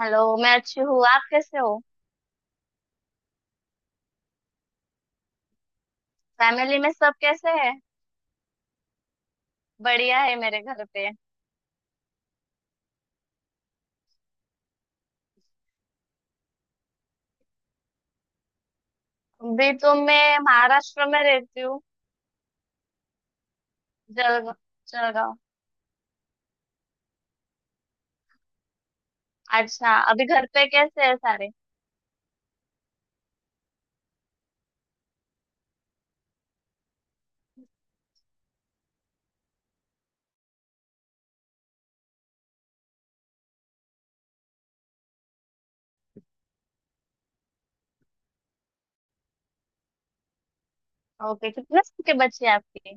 Hello. मैं अच्छी हूँ। आप कैसे हो? फैमिली में सब कैसे हैं? बढ़िया है मेरे घर पे। अभी तो मैं महाराष्ट्र में रहती हूँ। जलगांव। जलगांव। अच्छा, अभी घर पे कैसे हैं सारे? ओके, कितने साल के बच्चे हैं आपके?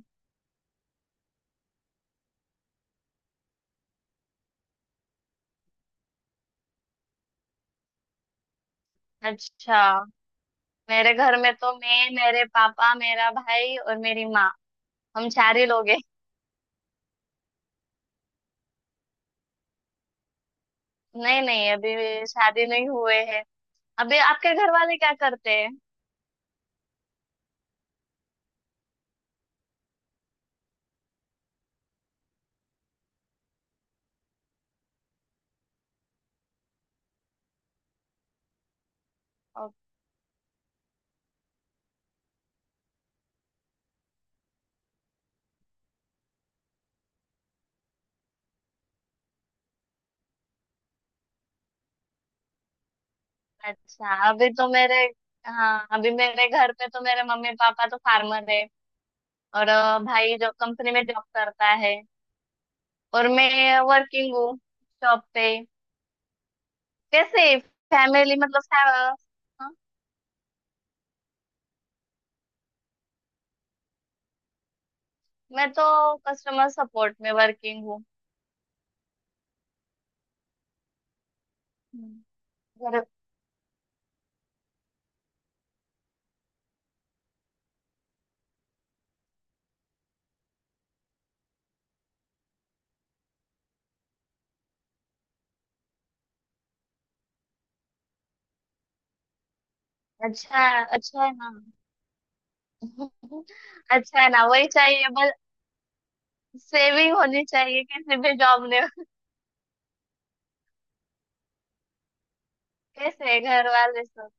अच्छा। मेरे घर में तो मैं, मेरे पापा, मेरा भाई और मेरी माँ। हम चार ही लोग हैं। नहीं, नहीं, अभी शादी नहीं हुए हैं। अभी आपके घर वाले क्या करते हैं? अच्छा, अभी तो मेरे। हाँ, अभी मेरे घर पे तो मेरे मम्मी पापा तो फार्मर है। और भाई जो कंपनी में जॉब करता है। और मैं वर्किंग हूँ। जॉब पे। कैसे? फैमिली मतलब हाँ। मैं तो कस्टमर सपोर्ट में वर्किंग हूँ। हम्म, और? अच्छा। अच्छा है ना। अच्छा है ना, वही चाहिए बस। सेविंग होनी चाहिए किसी भी जॉब में। कैसे घर वाले सब?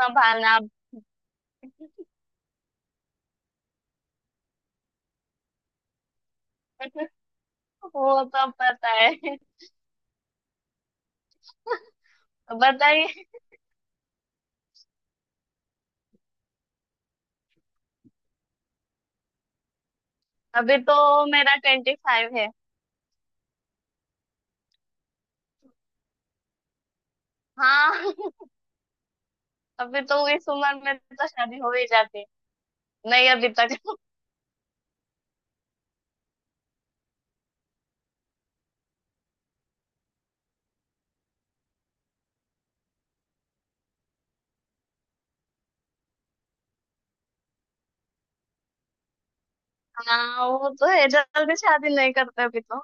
संभालना। वो तो पता है। बताइए। अभी तो मेरा 25 है। हाँ। अभी तो इस उम्र में तो शादी हो ही जाती। नहीं, अभी तक। हाँ, वो तो है, जल्दी शादी नहीं करते अभी तो।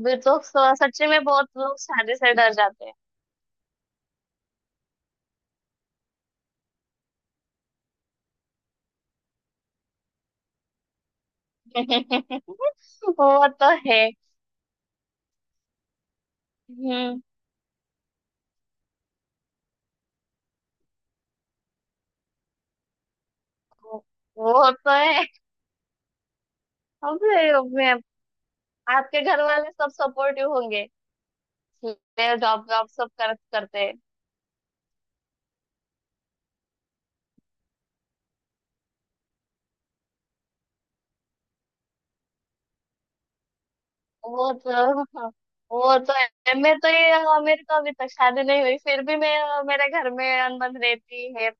अभी तो सच्ची में बहुत लोग शादी से डर जाते हैं। वो तो है। हम्म। वो तो है। अभी, अभी, आपके घर वाले सब सपोर्टिव होंगे? जॉब जॉब सब करते हैं। वो तो। हाँ, वो तो है, मैं तो ये, हाँ, मेरे को अभी तक शादी नहीं हुई फिर भी, मैं, हाँ, मेरे घर में अनबन रहती है।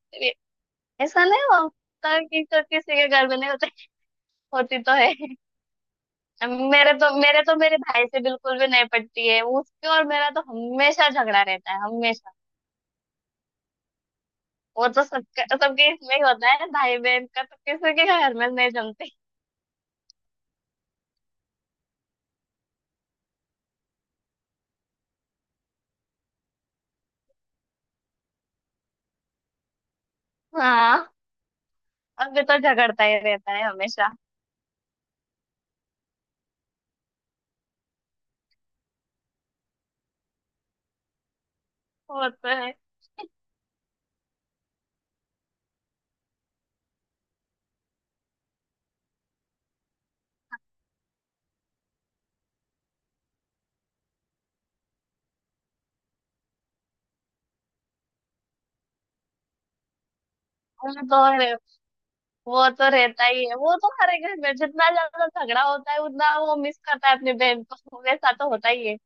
ऐसा नहीं होता कि तो किसी के घर में नहीं होती। होती तो है। मेरे तो मेरे भाई से बिल्कुल भी नहीं पटती है उसके, और मेरा तो हमेशा झगड़ा रहता है, हमेशा। वो तो सबका सबके इसमें ही होता है, भाई बहन का तो किसी के घर में नहीं जमती। हाँ, अभी तो झगड़ता ही रहता है हमेशा। वो तो है। वो तो है। वो तो रहता ही है, वो तो हर एक घर में जितना ज्यादा झगड़ा होता है उतना वो मिस करता है अपनी बहन को। वैसा तो होता ही है।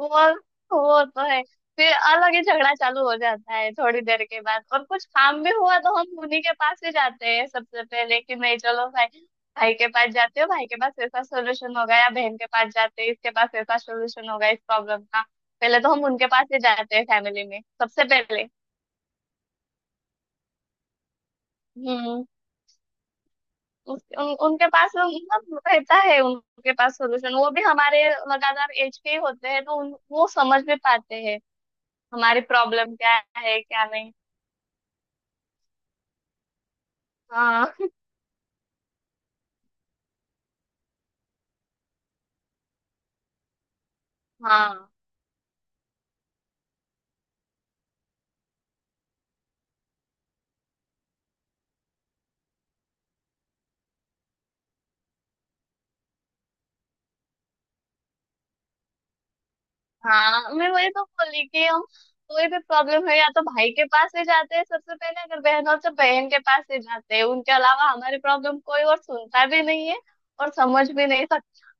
वो वो तो है। फिर अलग ही झगड़ा चालू हो जाता है थोड़ी देर के बाद, और कुछ काम भी हुआ तो हम उन्हीं के पास ही जाते हैं सबसे पहले कि नहीं चलो भाई। भाई के पास जाते हो, भाई के पास ऐसा सोल्यूशन होगा, या बहन के पास जाते हैं इसके पास ऐसा सोल्यूशन होगा इस प्रॉब्लम का। पहले तो हम उनके पास ही जाते हैं फैमिली में सबसे पहले। हम्म। उनके पास मतलब रहता है उनके पास सोल्यूशन, वो भी हमारे लगातार एज के ही होते हैं, तो वो समझ भी पाते हैं हमारी प्रॉब्लम क्या है क्या नहीं। हाँ, हाँ। हाँ, मैं वही तो बोली कि हम कोई भी प्रॉब्लम है या तो भाई के पास ही जाते हैं सबसे पहले, अगर बहन हो तो बहन के पास ही जाते हैं, उनके अलावा हमारी प्रॉब्लम कोई और सुनता भी नहीं है। और समझ भी नहीं सकता।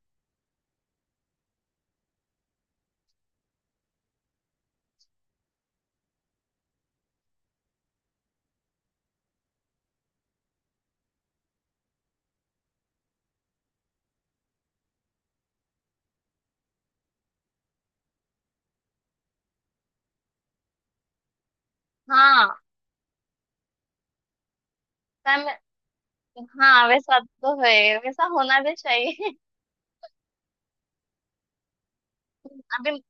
हाँ। मैं- हाँ, वैसा तो है, वैसा होना भी चाहिए। अभी,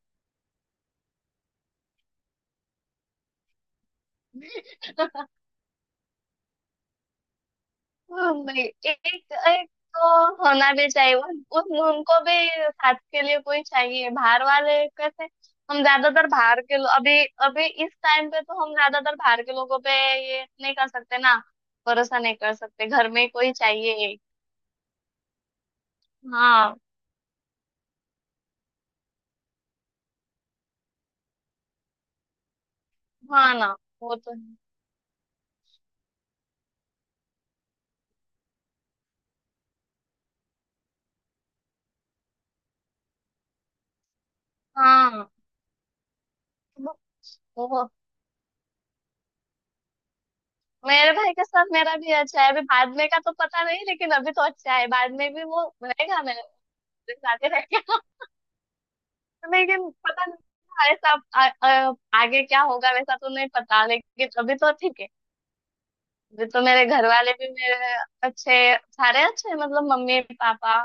हम भी एक एक तो होना भी चाहिए, उन, उन- उनको भी साथ के लिए कोई चाहिए, बाहर वाले कैसे? हम ज्यादातर बाहर के लो- अभी, अभी इस टाइम पे तो हम ज्यादातर बाहर के लोगों पे ये नहीं कर सकते ना, भरोसा नहीं कर सकते, घर में कोई चाहिए। हाँ। हाँ ना। वो तो है। हाँ। वो, वो- मेरे भाई के साथ मेरा भी अच्छा है, अभी बाद में का तो पता नहीं लेकिन अभी तो अच्छा है, बाद में भी वो रहेगा मेरे, मेरे साथ ही रहेगा। लेकिन पता नहीं था, ऐसा आ, आ, आगे क्या होगा वैसा तो नहीं पता लेकिन अभी तो ठीक है। अभी तो मेरे घर वाले भी मेरे अच्छे, सारे अच्छे हैं, मतलब मम्मी पापा।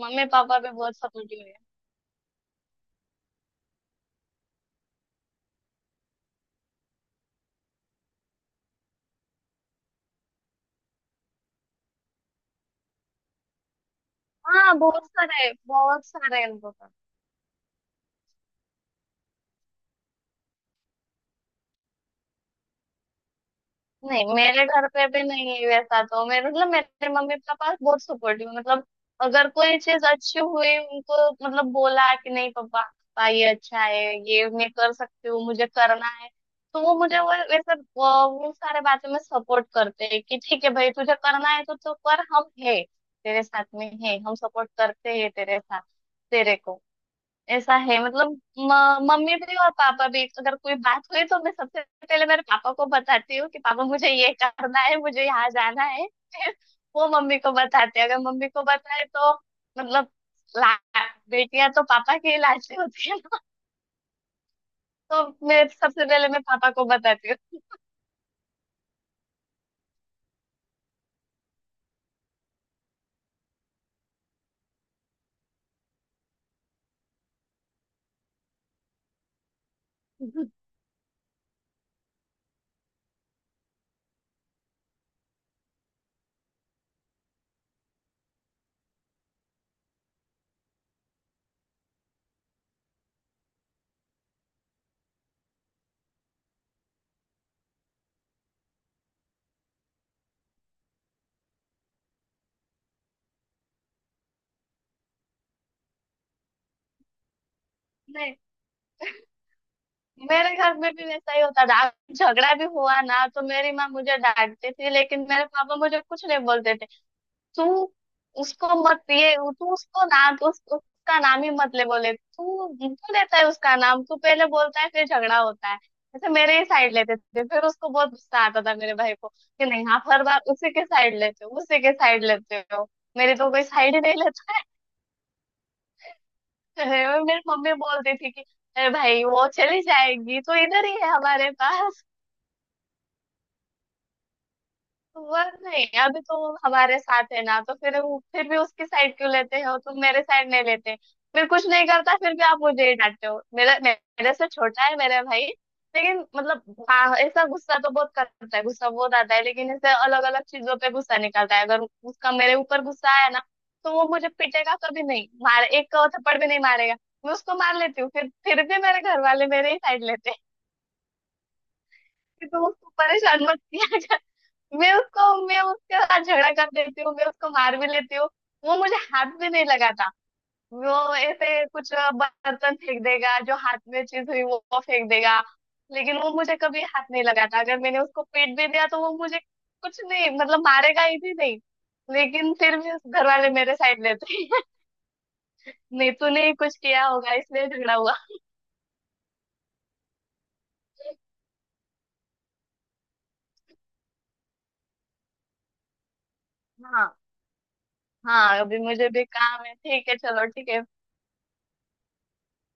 मम्मी पापा भी बहुत सपोर्टिव है। हाँ, बहुत सारे, बहुत सारे हैं। नहीं, मेरे घर पे भी नहीं है वैसा, तो मेरे मतलब मेरे मम्मी पापा बहुत सपोर्टिव, मतलब अगर कोई चीज अच्छी हुई उनको मतलब बोला कि नहीं पापा पापा ये अच्छा है, ये मैं कर सकती हूँ मुझे करना है, तो वो मुझे वो वैसे वो सारे बातें में सपोर्ट करते हैं कि ठीक है भाई तुझे करना है तो तू कर, हम है तेरे साथ में, है हम सपोर्ट करते हैं तेरे साथ, तेरे को ऐसा है मतलब। मम्मी भी और पापा भी, अगर कोई बात हुई तो मैं सबसे पहले मेरे पापा को बताती हूँ कि पापा मुझे ये करना है मुझे यहाँ जाना है, फिर वो मम्मी को बताते हैं। अगर मम्मी को बताए तो मतलब ला बेटियां तो पापा की लाशें होती है, तो मैं सबसे पहले मैं पापा को बताती हूँ। नहीं, मेरे घर में भी वैसा ही होता था। झगड़ा भी हुआ ना तो मेरी माँ मुझे डांटती थी लेकिन मेरे पापा मुझे कुछ नहीं बोलते थे। तू उसको मत, ये तू उसको ना, तू उसका नाम ही मत ले, बोले तू क्यों लेता है उसका नाम, तू पहले बोलता है फिर झगड़ा होता है। ऐसे मेरे ही साइड लेते थे, फिर उसको बहुत गुस्सा आता था मेरे भाई को कि नहीं आप हर बार उसी के साइड लेते हो, उसी के साइड लेते हो, मेरी तो कोई साइड ही नहीं लेता है। और मेरी मम्मी बोलती थी कि अरे भाई वो चली जाएगी तो इधर ही है हमारे पास, वह नहीं अभी तुम हमारे साथ है ना तो फिर वो फिर भी उसकी साइड क्यों लेते हो, तुम मेरे साइड नहीं लेते। फिर कुछ नहीं करता फिर भी आप मुझे ही डांटते हो, मेरा, मेरे से छोटा है मेरा भाई। लेकिन मतलब हाँ, ऐसा गुस्सा तो बहुत करता है, गुस्सा बहुत आता है लेकिन ऐसे अलग अलग चीजों पे गुस्सा निकलता है, अगर उसका मेरे ऊपर गुस्सा आया ना तो वो मुझे पीटेगा कभी नहीं, मार एक थप्पड़ भी नहीं मारेगा। मैं उसको मार लेती हूँ, फिर भी मेरे घर वाले मेरे ही साइड लेते हैं। कि तुम उसको परेशान मत किया। मैं उसको, मैं उसके साथ झगड़ा कर देती हूँ, मैं उसको मार भी लेती हूँ। वो मुझे हाथ भी नहीं लगाता। वो ऐसे कुछ बर्तन फेंक देगा, जो हाथ में चीज हुई वो फेंक देगा। लेकिन वो मुझे कभी हाथ नहीं लगाता, अगर मैंने उसको पीट भी दिया तो वो मुझे कुछ नहीं मतलब मारेगा ही भी नहीं। लेकिन फिर भी घर वाले मेरे साइड लेते हैं। नहीं तूने ही कुछ किया होगा इसलिए झगड़ा हुआ। हाँ। हाँ, अभी मुझे भी काम है, ठीक है, चलो, ठीक है।